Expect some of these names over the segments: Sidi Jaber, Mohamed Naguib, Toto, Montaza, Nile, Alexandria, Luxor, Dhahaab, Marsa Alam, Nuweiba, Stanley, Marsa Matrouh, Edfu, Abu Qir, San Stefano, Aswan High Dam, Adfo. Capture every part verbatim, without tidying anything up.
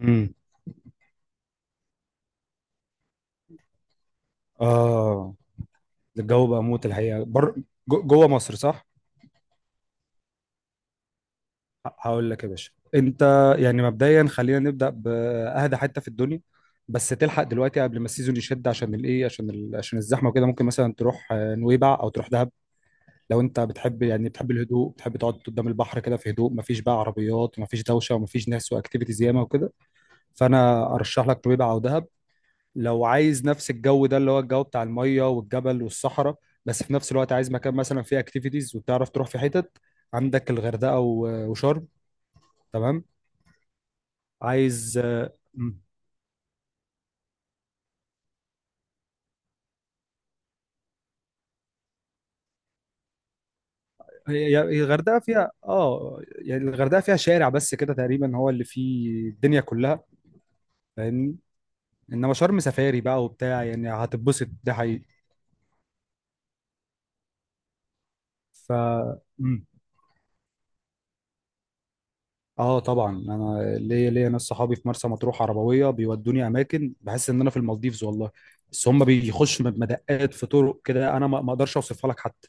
امم، اه، الجو بقى موت الحقيقه، بر... جو- جوه مصر، صح. ه- هقول لك يا باشا انت. يعني مبدئيا، خلينا نبدا باهدى حته في الدنيا، بس تلحق دلوقتي قبل ما السيزون يشد، عشان الايه، عشان ال... عشان الزحمه وكده. ممكن مثلا تروح آه، نويبع او تروح دهب، لو انت بتحب، يعني بتحب الهدوء، بتحب تقعد قدام البحر كده في هدوء، مفيش بقى عربيات ومفيش دوشه ومفيش ناس واكتيفيتيز ياما وكده. فانا ارشح لك نويبع او دهب. لو عايز نفس الجو ده، اللي هو الجو بتاع المية والجبل والصحراء، بس في نفس الوقت عايز مكان مثلا فيه اكتيفيتيز وتعرف تروح في حتت، عندك الغردقة و- وشرم. تمام. عايز آه، مم. هي- هي الغردقة فيها اه يعني الغردقة فيها شارع بس كده تقريبا، هو اللي فيه الدنيا كلها. فاهمني؟ انما شرم سفاري بقى وبتاع، يعني هتتبسط ده حقيقي. ف اه طبعا انا ليا ليا ناس صحابي في مرسى مطروح، عربويه بيودوني اماكن، بحس ان انا في المالديفز والله. بس هم بيخشوا مدقات في طرق كده، انا ما ما اقدرش اوصفها لك حتى.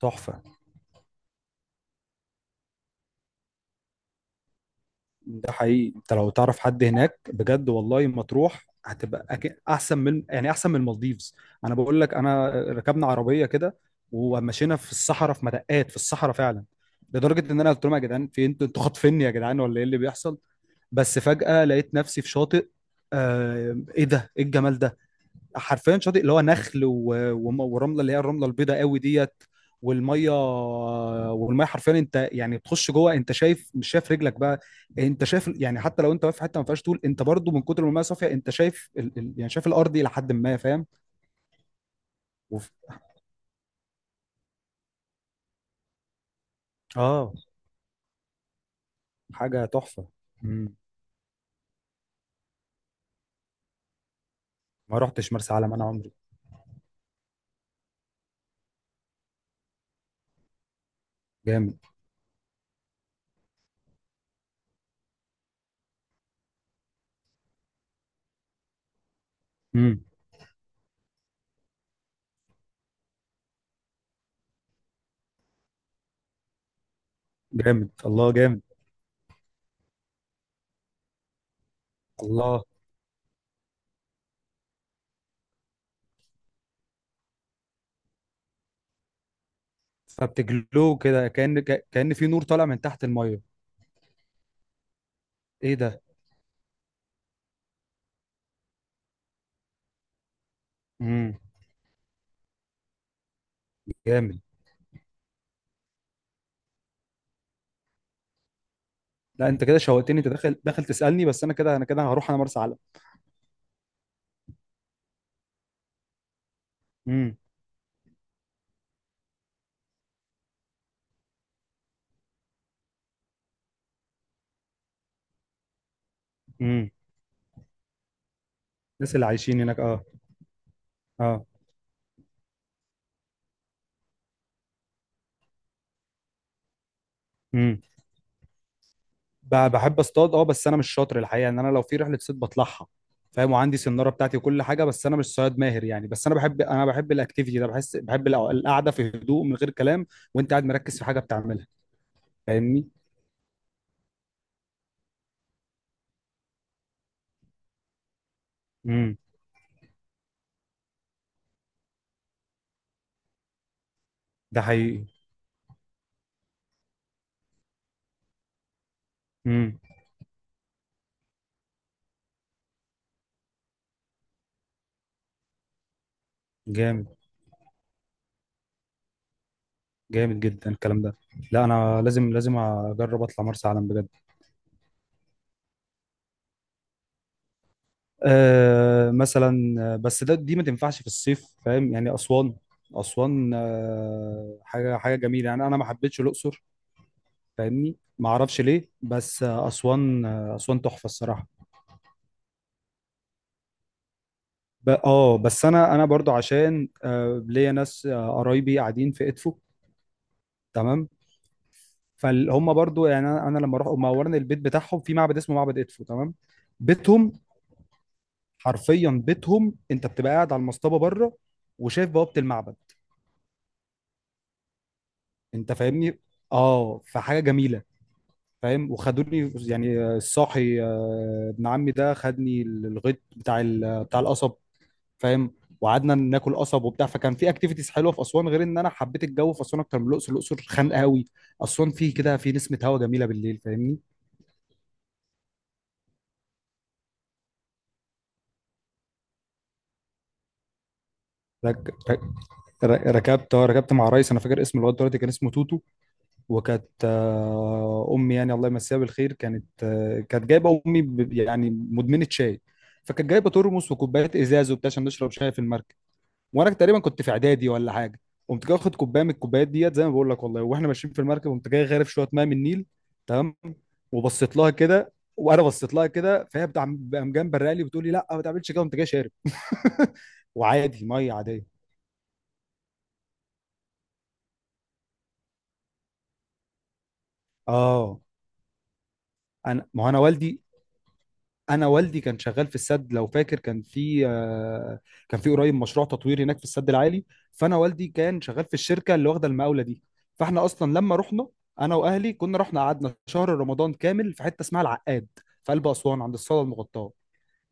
تحفه. ده حقيقي، انت لو تعرف حد هناك بجد والله، مطروح هتبقى أك- احسن من، يعني احسن من المالديفز. انا بقول لك، انا ركبنا عربيه كده، ومشينا في الصحراء، في مدقات في الصحراء فعلا، لدرجه ان انا قلت لهم: يا جدعان، في انتوا انتوا خاطفيني يا جدعان ولا ايه اللي بيحصل؟ بس فجاه لقيت نفسي في شاطئ. آه ايه ده، ايه الجمال ده! حرفيا شاطئ، اللي هو نخل و... وم- ورمله، اللي هي الرمله البيضاء قوي ديت. والميه، والميه حرفيا، انت يعني بتخش جوه انت شايف، مش شايف رجلك بقى. انت شايف، يعني حتى لو انت واقف في حته ما فيهاش طول، انت برضو من كتر ما الميه صافيه انت شايف ال... ال... يعني شايف الارض الى حد ما. فاهم؟ وف... اه، حاجه تحفه. مم. ما رحتش مرسى علم انا عمري. جامد. امم. جامد. الله جامد. الله، فبتجلو كده، كأن كأن في نور طالع من تحت الميه. ايه ده! امم. جامد. لا، انت كده شوقتني، انت داخل داخل تسالني، بس انا كده انا كده هروح انا مرسى علم. امم. امم. الناس اللي عايشين هناك، اه. اه. امم، ب- بحب اصطاد، اه، بس انا مش شاطر الحقيقه، ان انا لو في رحله صيد بطلعها. فاهم، وعندي سناره بتاعتي وكل حاجه، بس انا مش صياد ماهر يعني. بس انا بحب انا بحب الاكتيفيتي ده، بحس، بحب الع- القعده في هدوء من غير كلام، وانت قاعد مركز في حاجه بتعملها. فاهمني؟ امم. ده حقيقي. امم. جامد. جامد جدا الكلام ده. لا، انا لازم لازم اجرب اطلع مرسى علم بجد. آه مثلا آه، بس ده، دي ما تنفعش في الصيف، فاهم يعني؟ أسوان. أسوان، آه حاجة، حاجة جميلة يعني، أنا ما حبيتش الأقصر. فاهمني، ما أعرفش ليه، بس آه، أسوان. آه، أسوان تحفة الصراحة. ب- اه بس انا انا برضو عشان آه ليا ناس، آه، قرايبي قاعدين في ادفو. تمام. فهم برضو يعني، انا أنا لما اروح هم اولا، البيت بتاعهم في معبد اسمه معبد ادفو. تمام. بيتهم، حرفيا بيتهم، انت بتبقى قاعد على المصطبه بره، وشايف بوابه المعبد. انت فاهمني. اه، فحاجه جميله. فاهم. وخدوني يعني، آه، الصاحي، آه، ابن عمي ده خدني الغيط بتاع ال- بتاع القصب. فاهم، وقعدنا ناكل قصب وبتاع، فكان في اكتيفيتيز حلوه في اسوان، غير ان انا حبيت الجو في اسوان اكتر من الاقصر. الاقصر خانقه قوي. اسوان فيه كده في نسمه هوا جميله بالليل. فاهمني؟ رك... رك... ركبت، آه، ركبت مع ريس انا فاكر اسمه لغايه دلوقتي، كان اسمه توتو. وكانت آه، امي، يعني الله يمسيها بالخير، كانت آه، كانت جايبه، امي ب- يعني مدمنه شاي. فكانت جايبه ترمس وكوبايات ازاز وبتاع، عشان نشرب شاي في المركب. وانا تقريبا كنت في اعدادي ولا حاجه. قمت جاي واخد كوبايه من الكوبايات ديت، زي ما بقول لك والله، واحنا ماشيين في المركب قمت جاي غارف شويه ميه من النيل. تمام. وبصيت لها كده، وانا بصيت لها كده، فهي بتاع، قام جنب لي بتقول لي: لا ما تعملش كده، قمت جاي شارب. وعادي، ميه عاديه. اه، انا، ما هو انا والدي انا والدي كان شغال في السد لو فاكر، كان في آه، كان في قريب مشروع تطوير هناك في السد العالي. فانا والدي كان شغال في الشركه اللي واخده المقاوله دي. فاحنا اصلا لما رحنا، انا واهلي كنا رحنا، قعدنا شهر رمضان كامل في حته اسمها العقاد، في قلب اسوان عند الصاله المغطاه.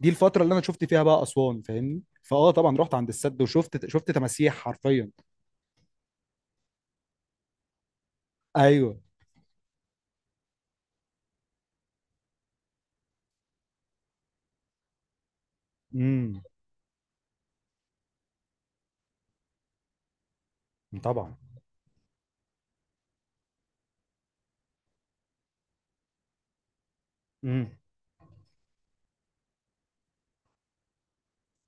دي الفتره اللي انا شفت فيها بقى اسوان. فاهمني. فاه طبعا رحت عند السد، وشفت، شفت تماسيح حرفيا. ايوه. امم. طبعا. امم.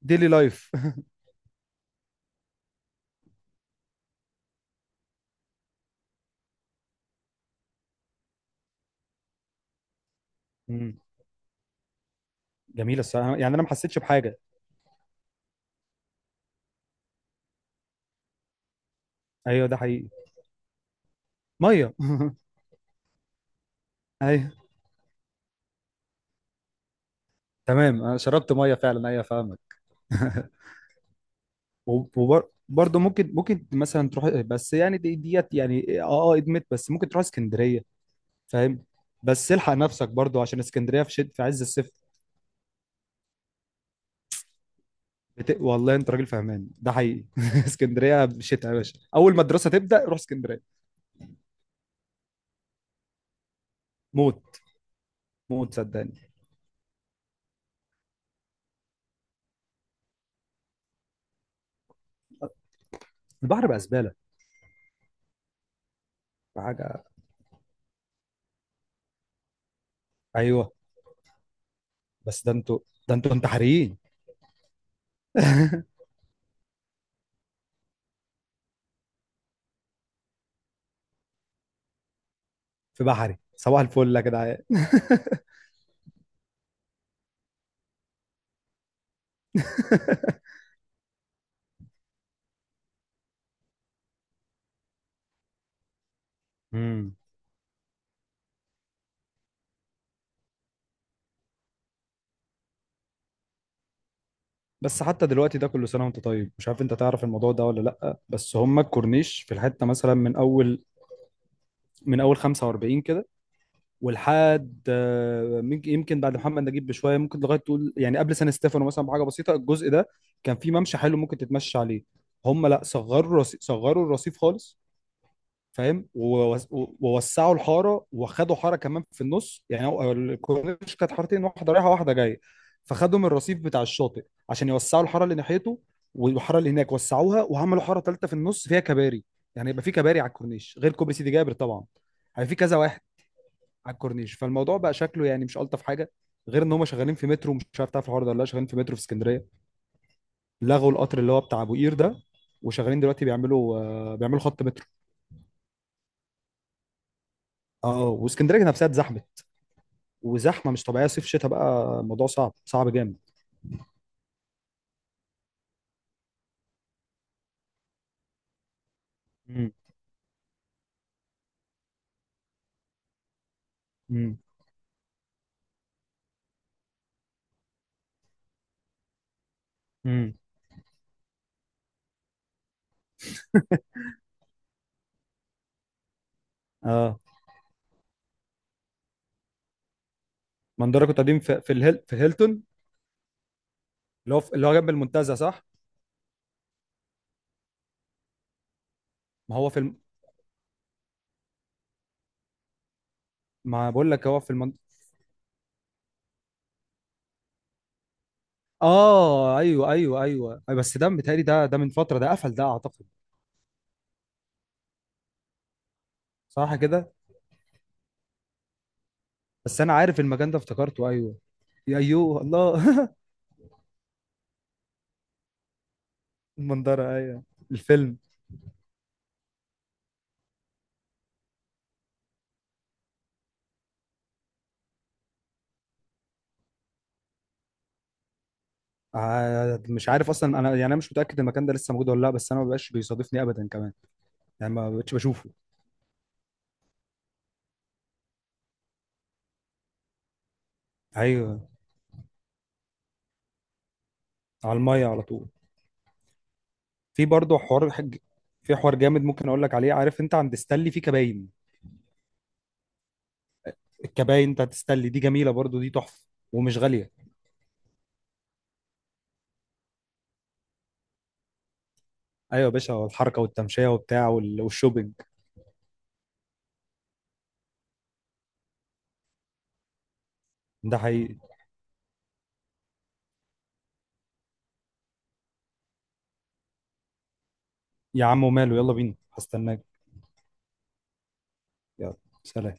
ديلي لايف. امم، جميله الصراحه يعني، انا ما حسيتش بحاجه. ايوه، ده حقيقي. ميه. ايوه، تمام، انا شربت ميه فعلا، ايوه، فاهمك. وبرضه ممكن ممكن مثلا تروح، بس يعني دي ديت يعني، اه، اه، ادمت، بس ممكن تروح اسكندريه. فاهم. بس الحق نفسك برضه، عشان اسكندريه في شت في عز الصيف. بت... والله انت راجل فهمان، ده حقيقي. اسكندريه شتاء يا باشا، اول ما الدراسه تبدا روح اسكندريه. موت. موت، صدقني. البحر بقى زباله. حاجه. ايوه، بس ده انتوا ده انتوا انتحاريين. في بحري صباح الفل يا جدعان. بس حتى دلوقتي ده، كل سنه وانت طيب، مش عارف انت تعرف الموضوع ده ولا لا، بس هم الكورنيش في الحته مثلا من اول من اول خمسه واربعين كده، ولحد آه، من- يمكن بعد محمد نجيب بشويه، ممكن لغايه تقول يعني قبل سان ستيفانو مثلا بحاجه بسيطه، الجزء ده كان فيه ممشى حلو ممكن تتمشى عليه. هم لا، صغروا الرصيف، صغروا الرصيف خالص. فاهم، ووس- ووسعوا الحاره، وخدوا حاره كمان في النص، يعني هو الكورنيش كانت حارتين، واحده رايحه واحده جايه، فخدوا من الرصيف بتاع الشاطئ عشان يوسعوا الحاره اللي ناحيته، والحاره اللي هناك وسعوها، وعملوا حاره ثالثه في النص فيها كباري. يعني يبقى في كباري على الكورنيش، غير كوبري سيدي جابر طبعا، هيبقى في كذا واحد على الكورنيش، فالموضوع بقى شكله يعني مش الطف حاجه. غير ان هم شغالين في مترو، مش عارف تعرف الحوار ده ولا لا، شغالين في مترو في اسكندريه. لغوا القطر اللي هو بتاع ابو قير ده، وشغالين دلوقتي بيعملوا آه، بيعملوا خط مترو. اه، واسكندريه نفسها اتزحمت، وزحمه مش طبيعيه، صيف شتاء، بقى الموضوع صعب، صعب جامد. امم. امم. امم. اه، ما انا كنت قاعدين في في الهيل في الهيلتون، اللي هو في اللي هو جنب المنتزه، صح؟ ما هو في الم... ما بقول لك هو في المن... اه، ايوه، ايوه، ايوه، أيوة، بس ده متهيألي، ده ده من فتره، ده قفل ده اعتقد. صح كده، بس انا عارف المكان ده، افتكرته، ايوه. يا ايوه الله. المنظره، ايوه. الفيلم. آه، مش عارف اصلا انا يعني، انا مش متاكد المكان ده لسه موجود ولا لا، بس انا ما بقاش بيصادفني ابدا كمان، يعني ما بقتش بشوفه. ايوه. على الميه على طول. في برضه حوار حج... في حوار جامد ممكن اقول لك عليه، عارف انت عند ستانلي في كباين؟ الكباين بتاعت ستانلي دي جميله برضه، دي تحفه، ومش غاليه. ايوه يا باشا، الحركه والتمشيه وبتاع، وال... والشوبينج. ده حقيقي. يا عم وماله، يلا بينا، هستناك. يلا. سلام.